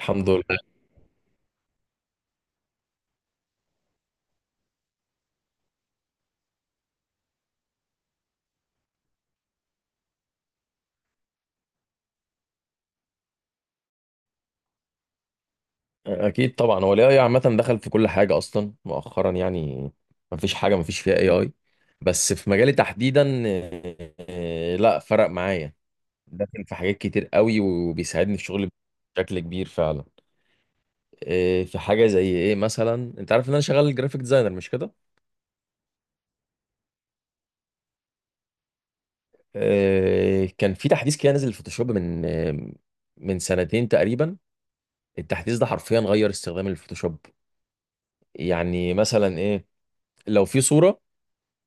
الحمد لله. اكيد طبعا، هو الاي اي عامه دخل في كل حاجه اصلا مؤخرا يعني. ما فيش فيها اي اي، بس في مجالي تحديدا. آه، لا فرق معايا. داخل في حاجات كتير قوي وبيساعدني في شغلي بشكل كبير فعلا. في حاجه زي ايه مثلا؟ انت عارف ان انا شغال جرافيك ديزاينر مش كده؟ كان في تحديث كده نزل الفوتوشوب من من سنتين تقريبا. التحديث ده حرفيا غير استخدام الفوتوشوب. يعني مثلا ايه؟ لو في صوره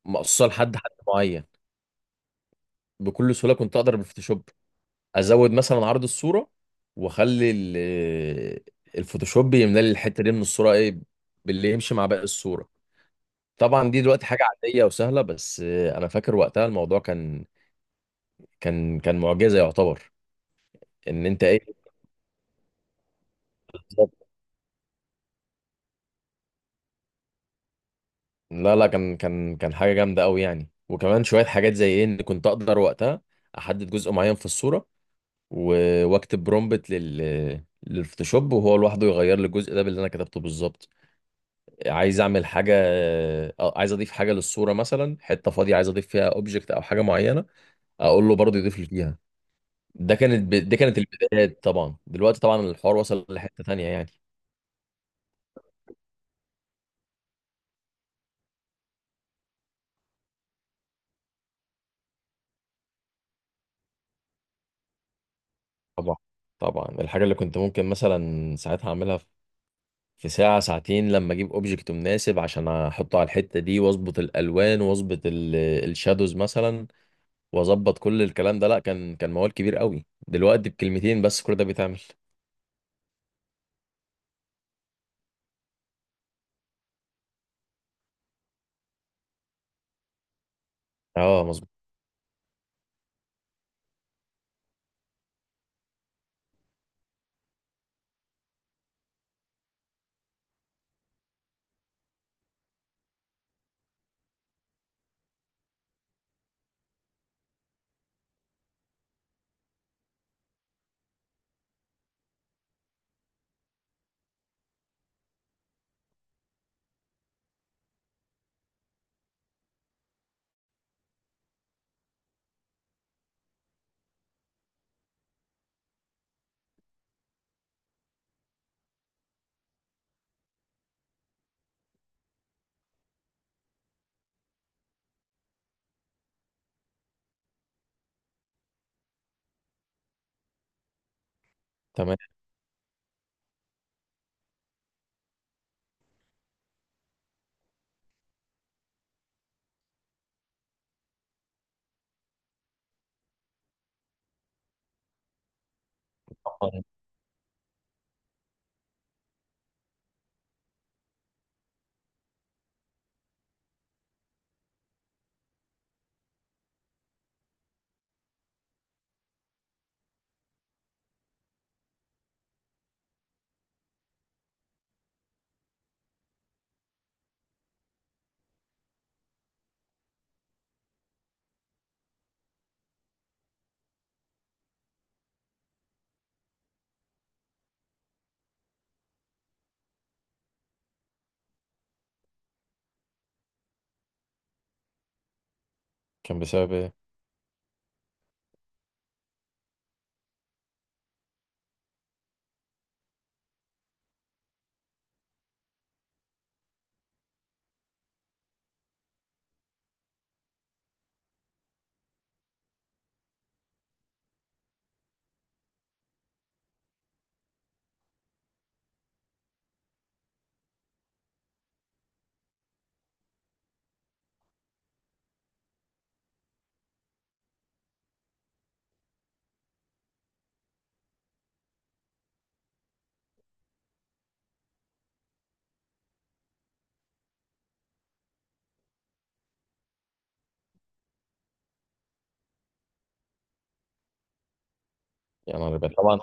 مقصوصه لحد حد معين، بكل سهوله كنت اقدر بالفوتوشوب ازود مثلا عرض الصوره، واخلي الفوتوشوب يملى لي الحته دي من الصوره ايه، باللي يمشي مع باقي الصوره. طبعا دي دلوقتي حاجه عاديه وسهله، بس انا فاكر وقتها الموضوع كان كان معجزه يعتبر. ان انت ايه بالظبط. لا لا، كان حاجه جامده قوي يعني. وكمان شويه حاجات زي ايه، ان كنت اقدر وقتها احدد جزء معين في الصوره، واكتب برومبت للفوتوشوب، وهو لوحده يغير لي الجزء ده باللي انا كتبته بالظبط. عايز اعمل حاجه، عايز اضيف حاجه للصوره مثلا، حته فاضيه عايز اضيف فيها اوبجكت او حاجه معينه، اقول له برضه يضيف لي فيها. دي كانت البدايات. طبعا دلوقتي طبعا الحوار وصل لحته تانية يعني. طبعا طبعا الحاجه اللي كنت ممكن مثلا ساعتها اعملها في ساعه ساعتين، لما اجيب اوبجكت مناسب عشان احطه على الحته دي، واظبط الالوان، واظبط الشادوز مثلا، واظبط كل الكلام ده. لا، كان موال كبير قوي. دلوقتي بكلمتين بس كل ده بيتعمل. اه مظبوط. تمام. كان بسبب ايه؟ يعني أنا طبعا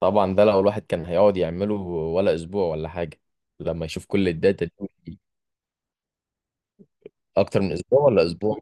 طبعا ده لو الواحد كان هيقعد يعمله، ولا اسبوع ولا حاجه. لما يشوف كل الداتا دي. اكتر من اسبوع ولا اسبوع؟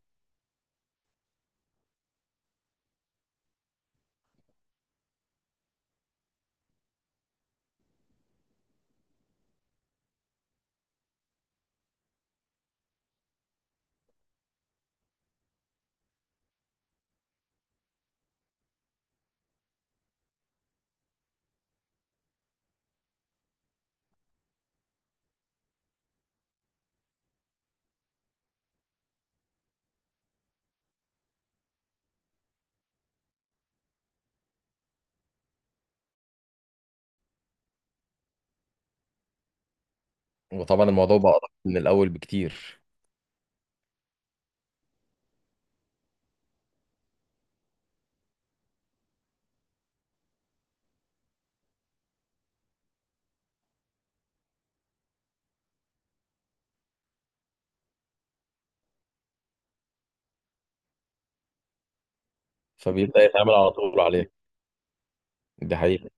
وطبعا الموضوع بقى أدق من الاول بكتير. فبيبدا يتعمل على طول عليه. دي حقيقه.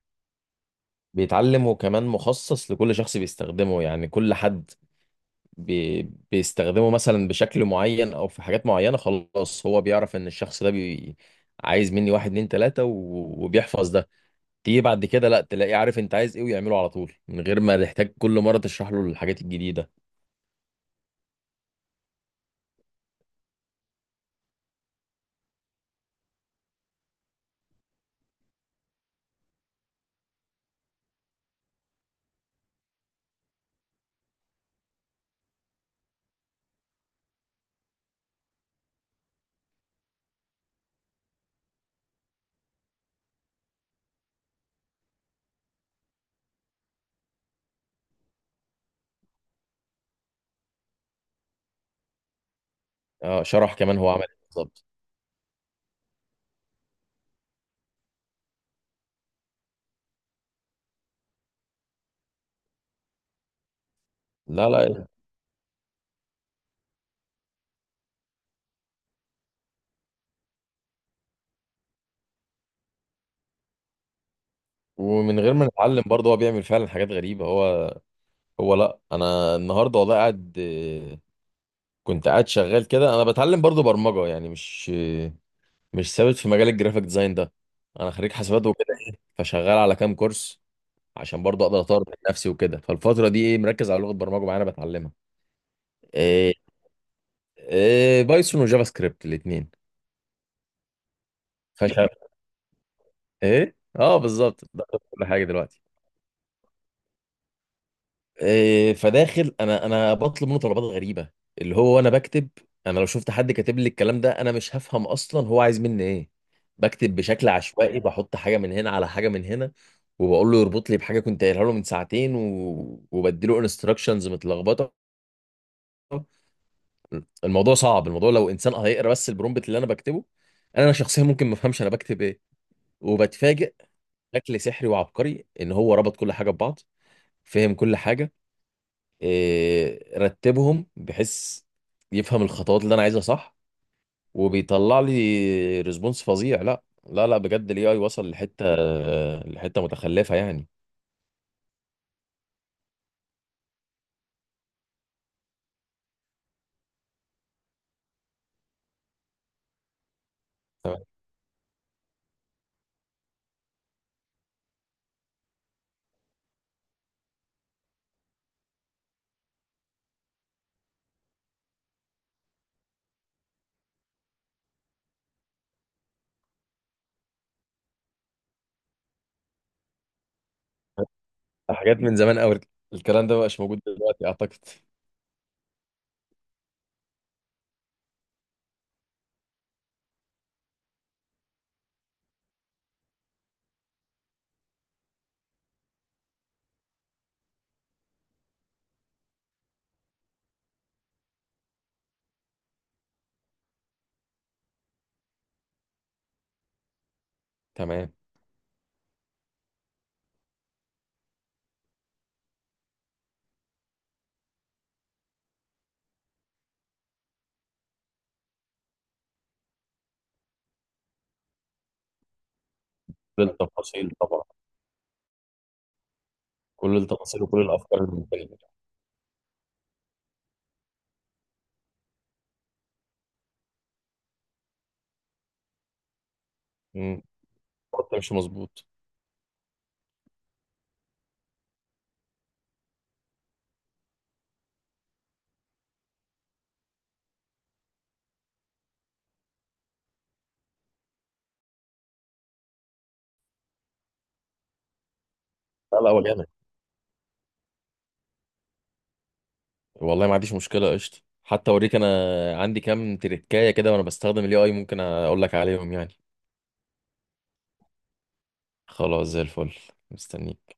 بيتعلم، وكمان مخصص لكل شخص بيستخدمه يعني. كل حد بي... بيستخدمه مثلا بشكل معين او في حاجات معينة. خلاص هو بيعرف ان الشخص ده عايز مني واحد اتنين تلاتة وبيحفظ ده. تيجي بعد كده لا تلاقيه عارف انت عايز ايه، ويعمله على طول من غير ما تحتاج كل مرة تشرح له الحاجات الجديدة. اه، شرح كمان هو عمل ايه بالظبط؟ لا لا. ومن غير ما نتعلم برضه، هو بيعمل فعلا حاجات غريبة. هو، هو، لا، انا النهارده والله قاعد، كنت قاعد شغال كده. انا بتعلم برضه برمجة يعني، مش مش ثابت في مجال الجرافيك ديزاين ده. انا خريج حسابات. فشغال على كام كورس عشان برضه اقدر اطور من نفسي وكده. فالفتره دي ايه، مركز على لغه برمجه معينه بتعلمها. إيه؟ إيه، بايثون وجافا سكريبت الاثنين. فش ايه؟ اه بالظبط ده. كل حاجه دلوقتي. إيه، فداخل، انا بطلب منه طلبات غريبه، اللي هو انا بكتب. انا لو شفت حد كاتب لي الكلام ده انا مش هفهم اصلا هو عايز مني ايه. بكتب بشكل عشوائي، بحط حاجه من هنا على حاجه من هنا، وبقول له يربط لي بحاجه كنت قايلها له من ساعتين، وبديله انستراكشنز متلخبطه. الموضوع صعب. الموضوع لو انسان هيقرا بس البرومبت اللي انا بكتبه، انا شخصيا ممكن ما افهمش انا بكتب ايه. وبتفاجئ بشكل سحري وعبقري ان هو ربط كل حاجه ببعض، فهم كل حاجه، إيه، رتبهم بحيث يفهم الخطوات اللي انا عايزها صح، وبيطلع لي ريسبونس فظيع. لا لا لا، بجد الاي اي وصل لحته، لحته متخلفه يعني. تمام. حاجات من زمان قوي. الكلام ده ما بقاش موجود دلوقتي اعتقد. تمام. كل التفاصيل طبعا. كل التفاصيل وكل الافكار الممكنه. خط مش مظبوط. لا لا، ولا انا. والله ما عنديش مشكله، قشطه. حتى اوريك انا، عندي كام تريكايه كده وانا بستخدم الاي اي، ممكن اقول لك عليهم يعني. خلاص زي الفل. مستنيك.